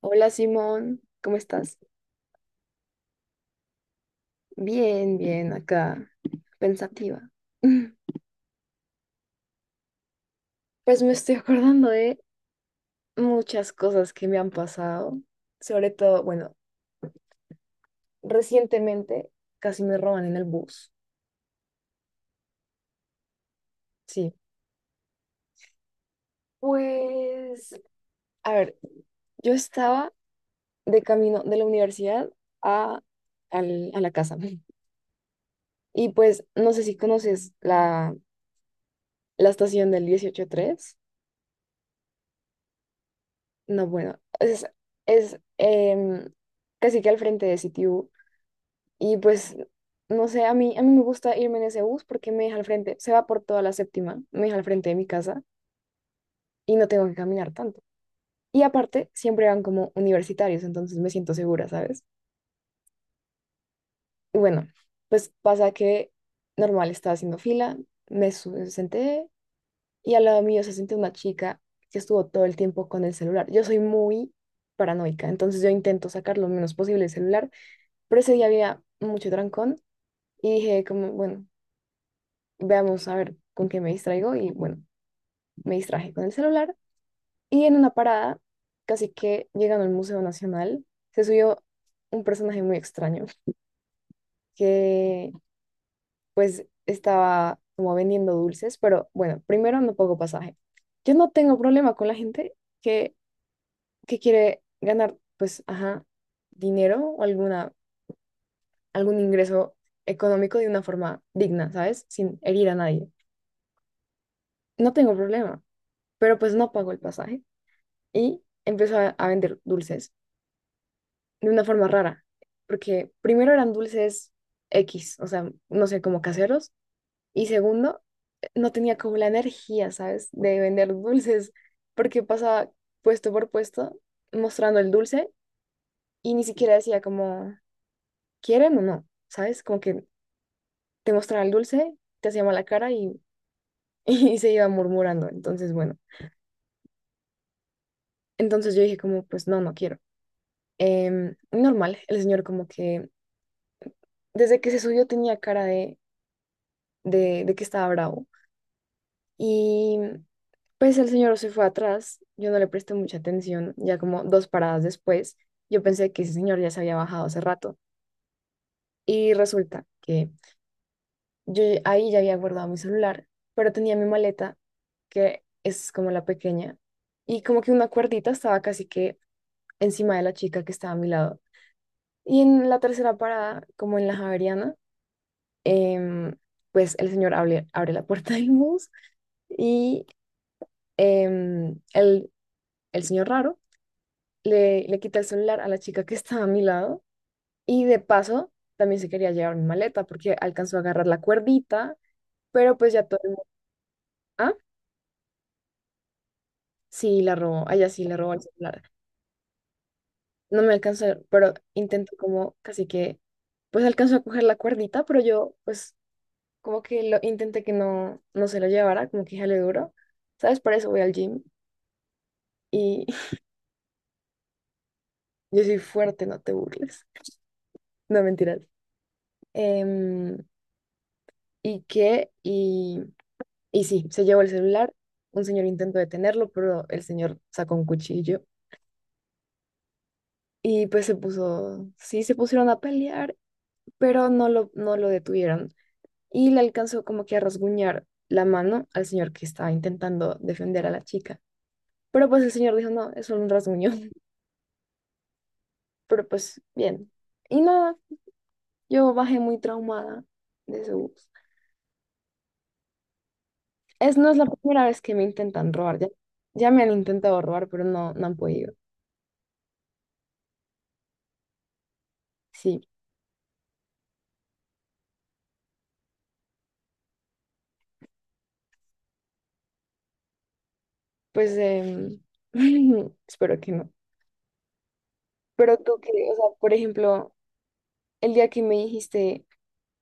Hola Simón, ¿cómo estás? Bien, bien, acá, pensativa. Pues me estoy acordando de muchas cosas que me han pasado, sobre todo, bueno, recientemente casi me roban en el bus, sí. Pues, a ver, yo estaba de camino de la universidad a, a la casa. Y pues no sé si conoces la estación del 18 3. No, bueno, es casi que al frente de CTU. Y pues, no sé, a mí me gusta irme en ese bus porque me deja al frente, se va por toda la séptima, me deja al frente de mi casa y no tengo que caminar tanto. Y aparte, siempre van como universitarios, entonces me siento segura, ¿sabes? Y bueno, pues pasa que normal estaba haciendo fila, senté y al lado mío se sentó una chica que estuvo todo el tiempo con el celular. Yo soy muy paranoica, entonces yo intento sacar lo menos posible el celular. Pero ese día había mucho trancón y dije como, bueno, veamos a ver con qué me distraigo y bueno, me distraje con el celular y en una parada, casi que llegando al Museo Nacional, se subió un personaje muy extraño que pues estaba como vendiendo dulces, pero bueno, primero no pago pasaje. Yo no tengo problema con la gente que, que quiere ganar pues, ajá, dinero o algún ingreso económico de una forma digna, ¿sabes? Sin herir a nadie. No tengo problema, pero pues no pagó el pasaje y empezó a vender dulces de una forma rara, porque primero eran dulces X, o sea, no sé, como caseros, y segundo, no tenía como la energía, ¿sabes?, de vender dulces, porque pasaba puesto por puesto mostrando el dulce y ni siquiera decía como, ¿quieren o no? ¿Sabes? Como que te mostraba el dulce, te hacía mala cara y se iba murmurando, entonces bueno, entonces yo dije como, pues no, no quiero. Normal, el señor como que desde que se subió tenía cara de que estaba bravo. Y pues el señor se fue atrás, yo no le presté mucha atención, ya como dos paradas después, yo pensé que ese señor ya se había bajado hace rato. Y resulta que ahí ya había guardado mi celular, pero tenía mi maleta, que es como la pequeña, y como que una cuerdita estaba casi que encima de la chica que estaba a mi lado. Y en la tercera parada, como en la Javeriana, em, pues el señor abre la puerta del bus y em, el, el señor raro le quita el celular a la chica que estaba a mi lado y de paso también se quería llevar mi maleta porque alcanzó a agarrar la cuerdita, pero pues ya todo el mundo, ah, sí, la robó, ah, ya sí, le robó el celular. No me alcanzó, pero intento como casi que, pues alcanzó a coger la cuerdita, pero yo pues como que lo intenté que no, no se lo llevara, como que ya le duro. ¿Sabes? Por eso voy al gym y yo soy fuerte, no te burles. No, mentiras. Em, ¿y que Y, y sí, se llevó el celular. Un señor intentó detenerlo, pero el señor sacó un cuchillo. Y pues se puso, sí, se pusieron a pelear, pero no lo detuvieron. Y le alcanzó como que a rasguñar la mano al señor que estaba intentando defender a la chica. Pero pues el señor dijo, no, es solo un rasguño. Pero pues bien. Y nada, yo bajé muy traumada de ese bus. Es, no es la primera vez que me intentan robar. Ya, ya me han intentado robar, pero no, no han podido. Sí, pues espero que no. Pero tú que, o sea, por ejemplo, el día que me dijiste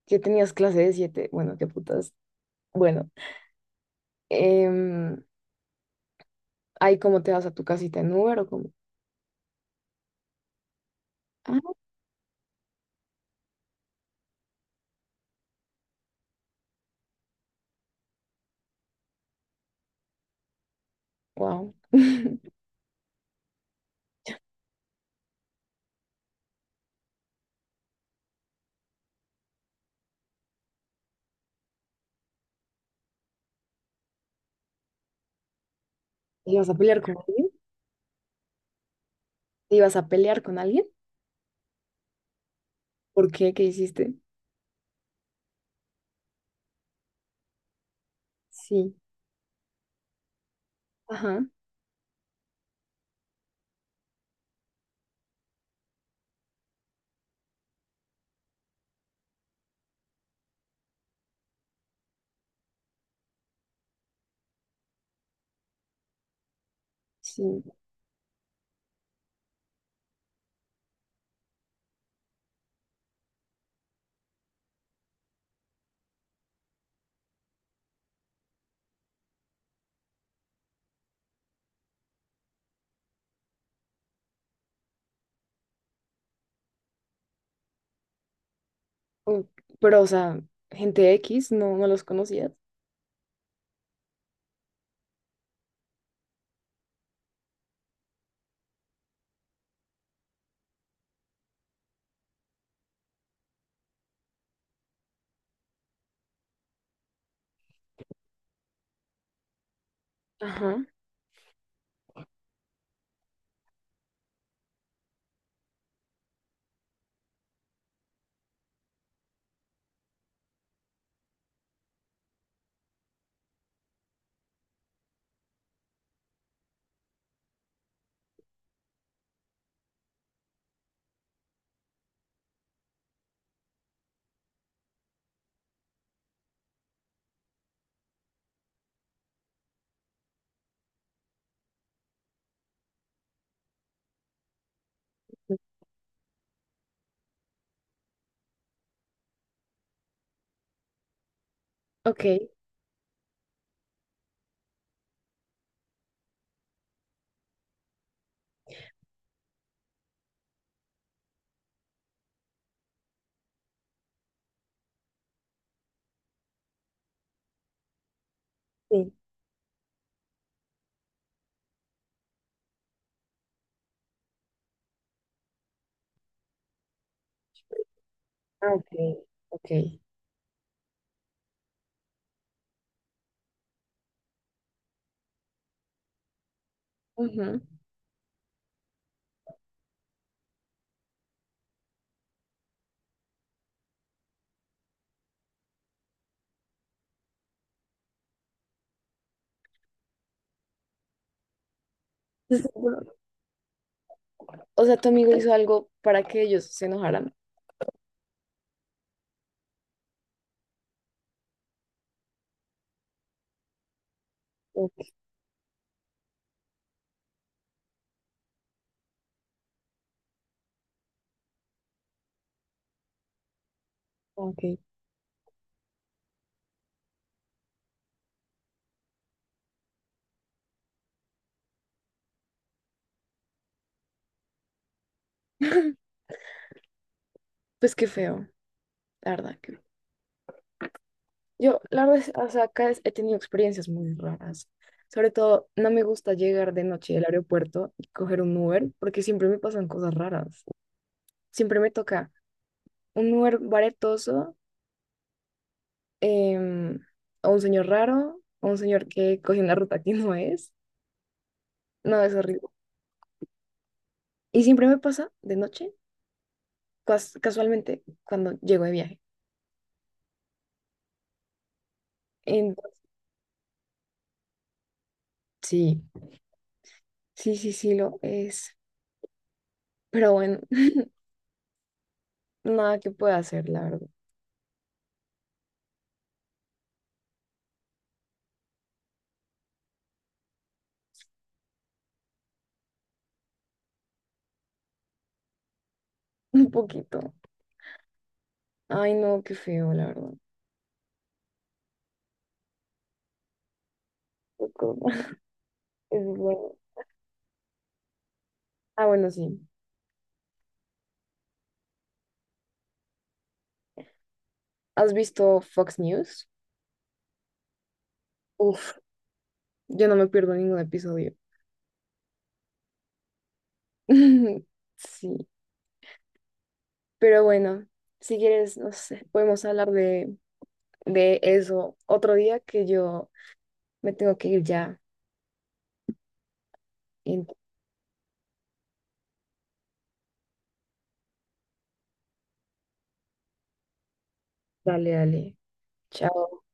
que tenías clase de 7 bueno, qué putas. Bueno, em, ahí cómo te vas a tu casita en Uber o cómo. Ah, wow. ¿Te ibas a pelear con alguien? ¿Te ibas a pelear con alguien? ¿Por qué? ¿Qué hiciste? Sí, ajá, sí. Mm, pero, o sea, gente X, no, no los conocías. Ajá. Ok, sí. Ah, ok, ok. Ujú. Entonces, seguro- o sea, tu amigo hizo algo para que ellos se enojaran. Ok, ok. Pues qué feo, la verdad. Que- yo, la verdad, es- o sea, acá es- he tenido experiencias muy raras. Sobre todo, no me gusta llegar de noche del aeropuerto y coger un Uber porque siempre me pasan cosas raras. Siempre me toca un Uber baretoso, em, o un señor raro, o un señor que coge una ruta que no es. No, es horrible. Y siempre me pasa de noche, casualmente, cuando llego de viaje. En sí, sí, sí, sí lo es. Pero bueno, nada que pueda hacer, la verdad. Un poquito. Ay, no, qué feo, la verdad. Poco. Es bueno. Ah, bueno, sí. ¿Has visto Fox News? Uf, yo no me pierdo ningún episodio. Sí. Pero bueno, si quieres, no sé, podemos hablar de eso otro día que yo me tengo que ir ya. Entonces, dale, dale. Chao.